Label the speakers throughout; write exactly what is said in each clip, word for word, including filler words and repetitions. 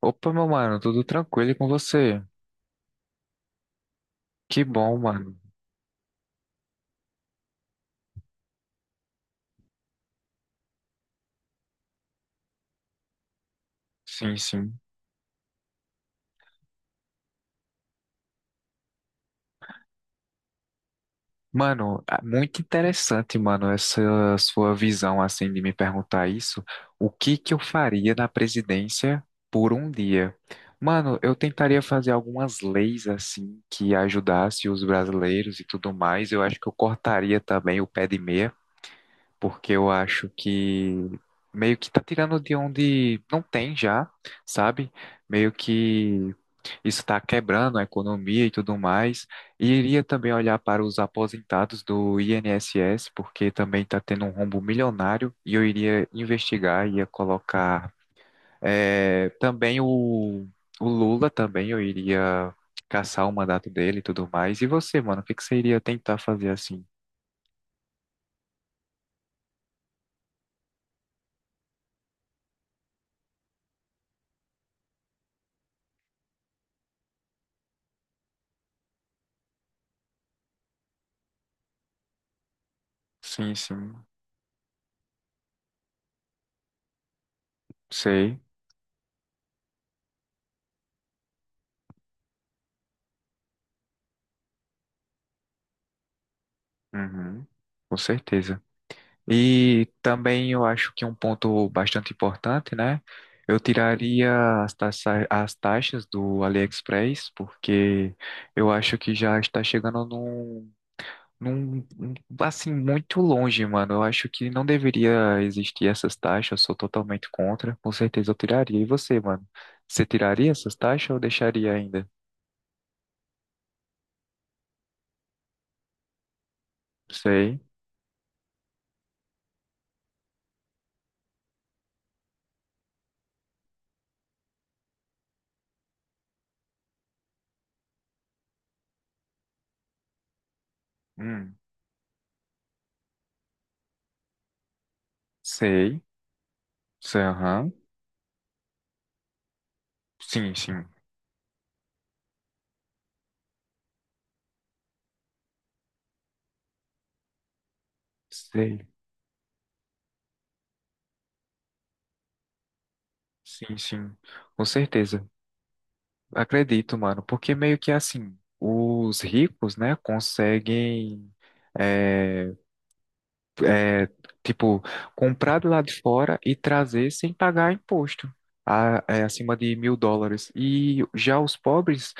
Speaker 1: Opa, meu mano, tudo tranquilo e com você? Que bom, mano. Sim, sim. Mano, ah, muito interessante, mano, essa sua visão, assim, de me perguntar isso. O que que eu faria na presidência por um dia? Mano, eu tentaria fazer algumas leis, assim, que ajudasse os brasileiros e tudo mais. Eu acho que eu cortaria também o pé de meia. Porque eu acho que meio que tá tirando de onde não tem já, sabe? Meio que isso está quebrando a economia e tudo mais. E iria também olhar para os aposentados do I N S S, porque também está tendo um rombo milionário, e eu iria investigar, ia colocar eh, também o, o Lula também, eu iria caçar o mandato dele e tudo mais. E você, mano, o que que você iria tentar fazer assim? Sim, sim, sei. Uhum, com certeza. E também eu acho que um ponto bastante importante, né? Eu tiraria as taxa, as taxas do AliExpress, porque eu acho que já está chegando num, num, num- assim, muito longe, mano. Eu acho que não deveria existir essas taxas, eu sou totalmente contra. Com certeza eu tiraria. E você, mano? Você tiraria essas taxas ou deixaria ainda? Sei. Hum, sei. Sei, aham. Sim, sim. Sei. Sim, sim, com certeza. Acredito, mano, porque meio que assim, os ricos, né, conseguem, é, é, tipo, comprar de lá de fora e trazer sem pagar imposto, a- é, acima de mil dólares. E já os pobres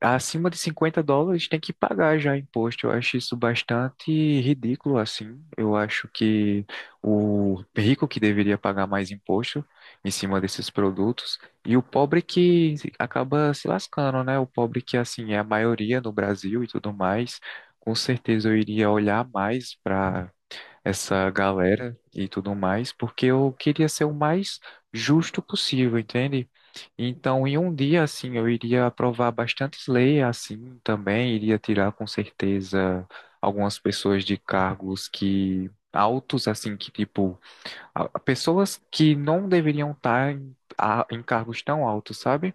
Speaker 1: acima de cinquenta dólares tem que pagar já imposto. Eu acho isso bastante ridículo, assim. Eu acho que o rico que deveria pagar mais imposto em cima desses produtos e o pobre que acaba se lascando, né? O pobre que, assim, é a maioria no Brasil e tudo mais. Com certeza eu iria olhar mais para essa galera e tudo mais, porque eu queria ser o mais justo possível, entende? Então, em um dia, assim, eu iria aprovar bastantes leis, assim, também iria tirar, com certeza, algumas pessoas de cargos que altos, assim, que, tipo, a- pessoas que não deveriam estar em, a- em cargos tão altos, sabe?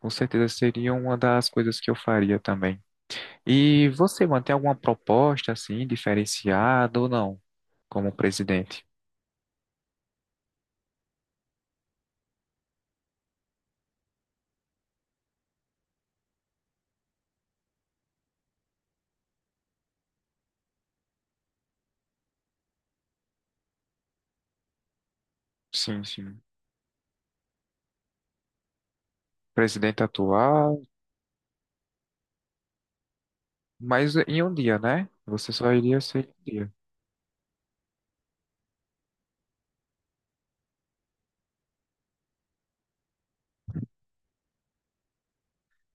Speaker 1: Com certeza seria uma das coisas que eu faria também. E você mantém alguma proposta, assim, diferenciada ou não, como presidente? Sim, sim. Presidente atual, mas em um dia, né? Você só iria ser em um dia.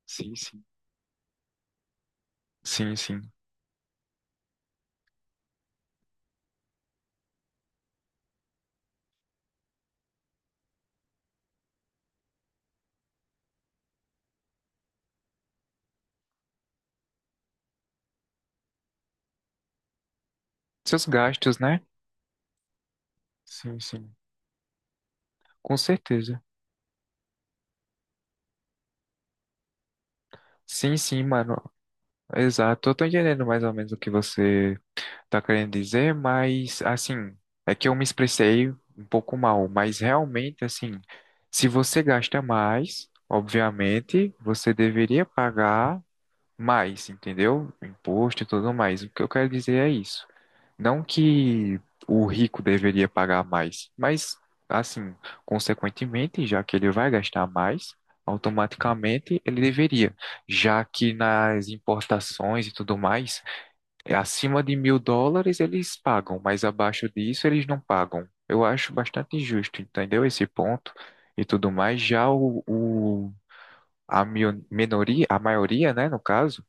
Speaker 1: Sim, sim. Sim, sim. Seus gastos, né? Sim, sim. Com certeza. Sim, sim, mano. Exato. Eu tô entendendo mais ou menos o que você tá querendo dizer, mas assim, é que eu me expressei um pouco mal, mas realmente, assim, se você gasta mais, obviamente, você deveria pagar mais, entendeu? Imposto e tudo mais. O que eu quero dizer é isso. Não que o rico deveria pagar mais, mas, assim, consequentemente, já que ele vai gastar mais, automaticamente ele deveria, já que nas importações e tudo mais, é acima de mil dólares eles pagam, mas abaixo disso eles não pagam. Eu acho bastante injusto, entendeu? Esse ponto e tudo mais. Já o, o- a mio- minoria, a maioria, né, no caso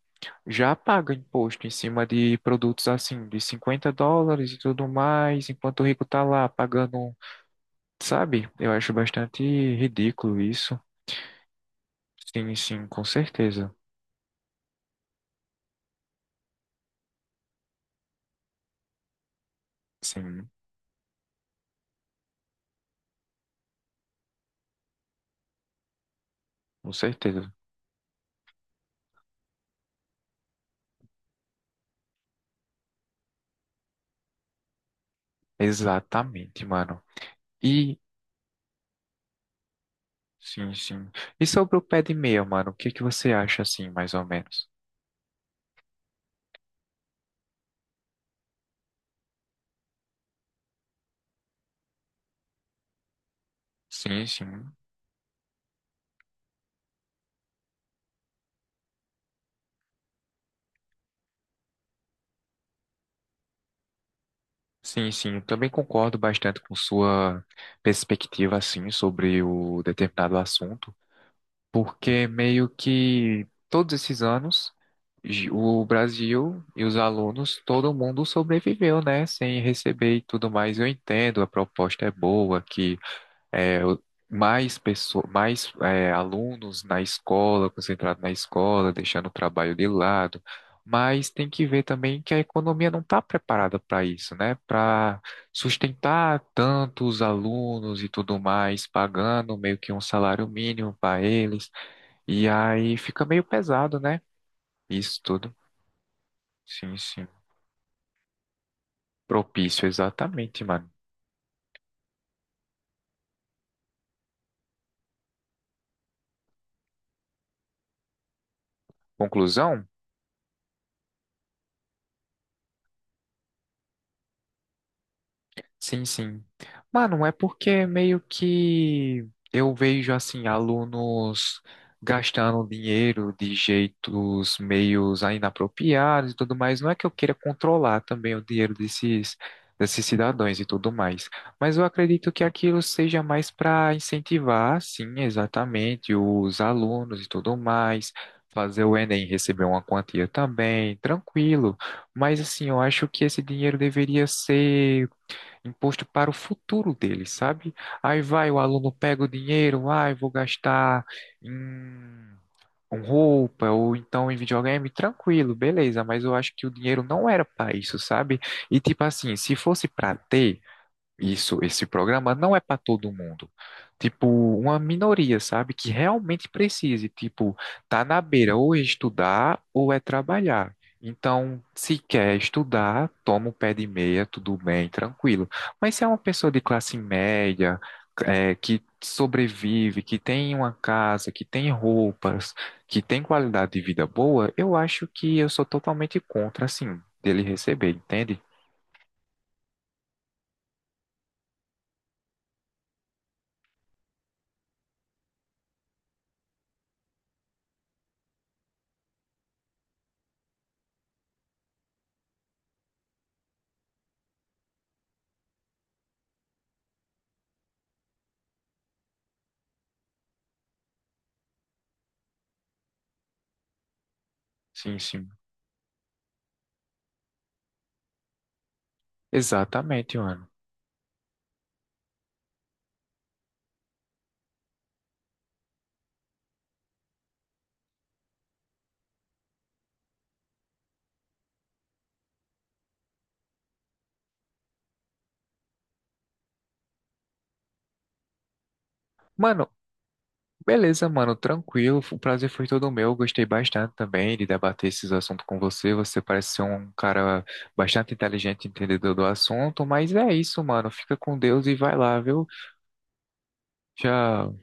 Speaker 1: já paga imposto em cima de produtos assim, de cinquenta dólares e tudo mais, enquanto o rico tá lá pagando, sabe? Eu acho bastante ridículo isso. Sim, sim, com certeza. Sim, com certeza. Exatamente, mano. E, sim, sim. E sobre o pé de meia, mano, o que que você acha assim, mais ou menos? Sim, sim. Sim, sim, eu também concordo bastante com sua perspectiva, assim, sobre o determinado assunto. Porque meio que todos esses anos gi- o Brasil e os alunos, todo mundo sobreviveu, né, sem receber e tudo mais. Eu entendo, a proposta é boa, que é, o- mais pessoas, mais é, alunos na escola, concentrado na escola, deixando o trabalho de lado. Mas tem que ver também que a economia não está preparada para isso, né? Para sustentar tantos alunos e tudo mais, pagando meio que um salário mínimo para eles. E aí fica meio pesado, né? Isso tudo. Sim, sim. Propício, exatamente, mano. Conclusão? Sim, sim. Mano, é porque meio que eu vejo assim alunos gastando dinheiro de jeitos meios inapropriados e tudo mais. Não é que eu queira controlar também o dinheiro desses desses cidadãos e tudo mais, mas eu acredito que aquilo seja mais para incentivar, sim, exatamente, os alunos e tudo mais. Fazer o Enem receber uma quantia também, tranquilo. Mas assim, eu acho que esse dinheiro deveria ser imposto para o futuro dele, sabe? Aí vai, o aluno pega o dinheiro, ai, vou gastar em com roupa ou então em videogame, tranquilo, beleza, mas eu acho que o dinheiro não era para isso, sabe? E tipo assim, se fosse para ter, isso, esse programa não é para todo mundo. Tipo, uma minoria, sabe, que realmente precise, tipo, tá na beira ou é estudar ou é trabalhar. Então, se quer estudar, toma o pé de meia, tudo bem, tranquilo. Mas se é uma pessoa de classe média, é, que sobrevive, que tem uma casa, que tem roupas, que tem qualidade de vida boa, eu acho que eu sou totalmente contra, assim, dele receber, entende? Sim, sim. Exatamente, mano. Mano, beleza, mano, tranquilo. O prazer foi todo meu. Gostei bastante também de debater esses assuntos com você. Você parece ser um cara bastante inteligente, entendedor do assunto. Mas é isso, mano. Fica com Deus e vai lá, viu? Já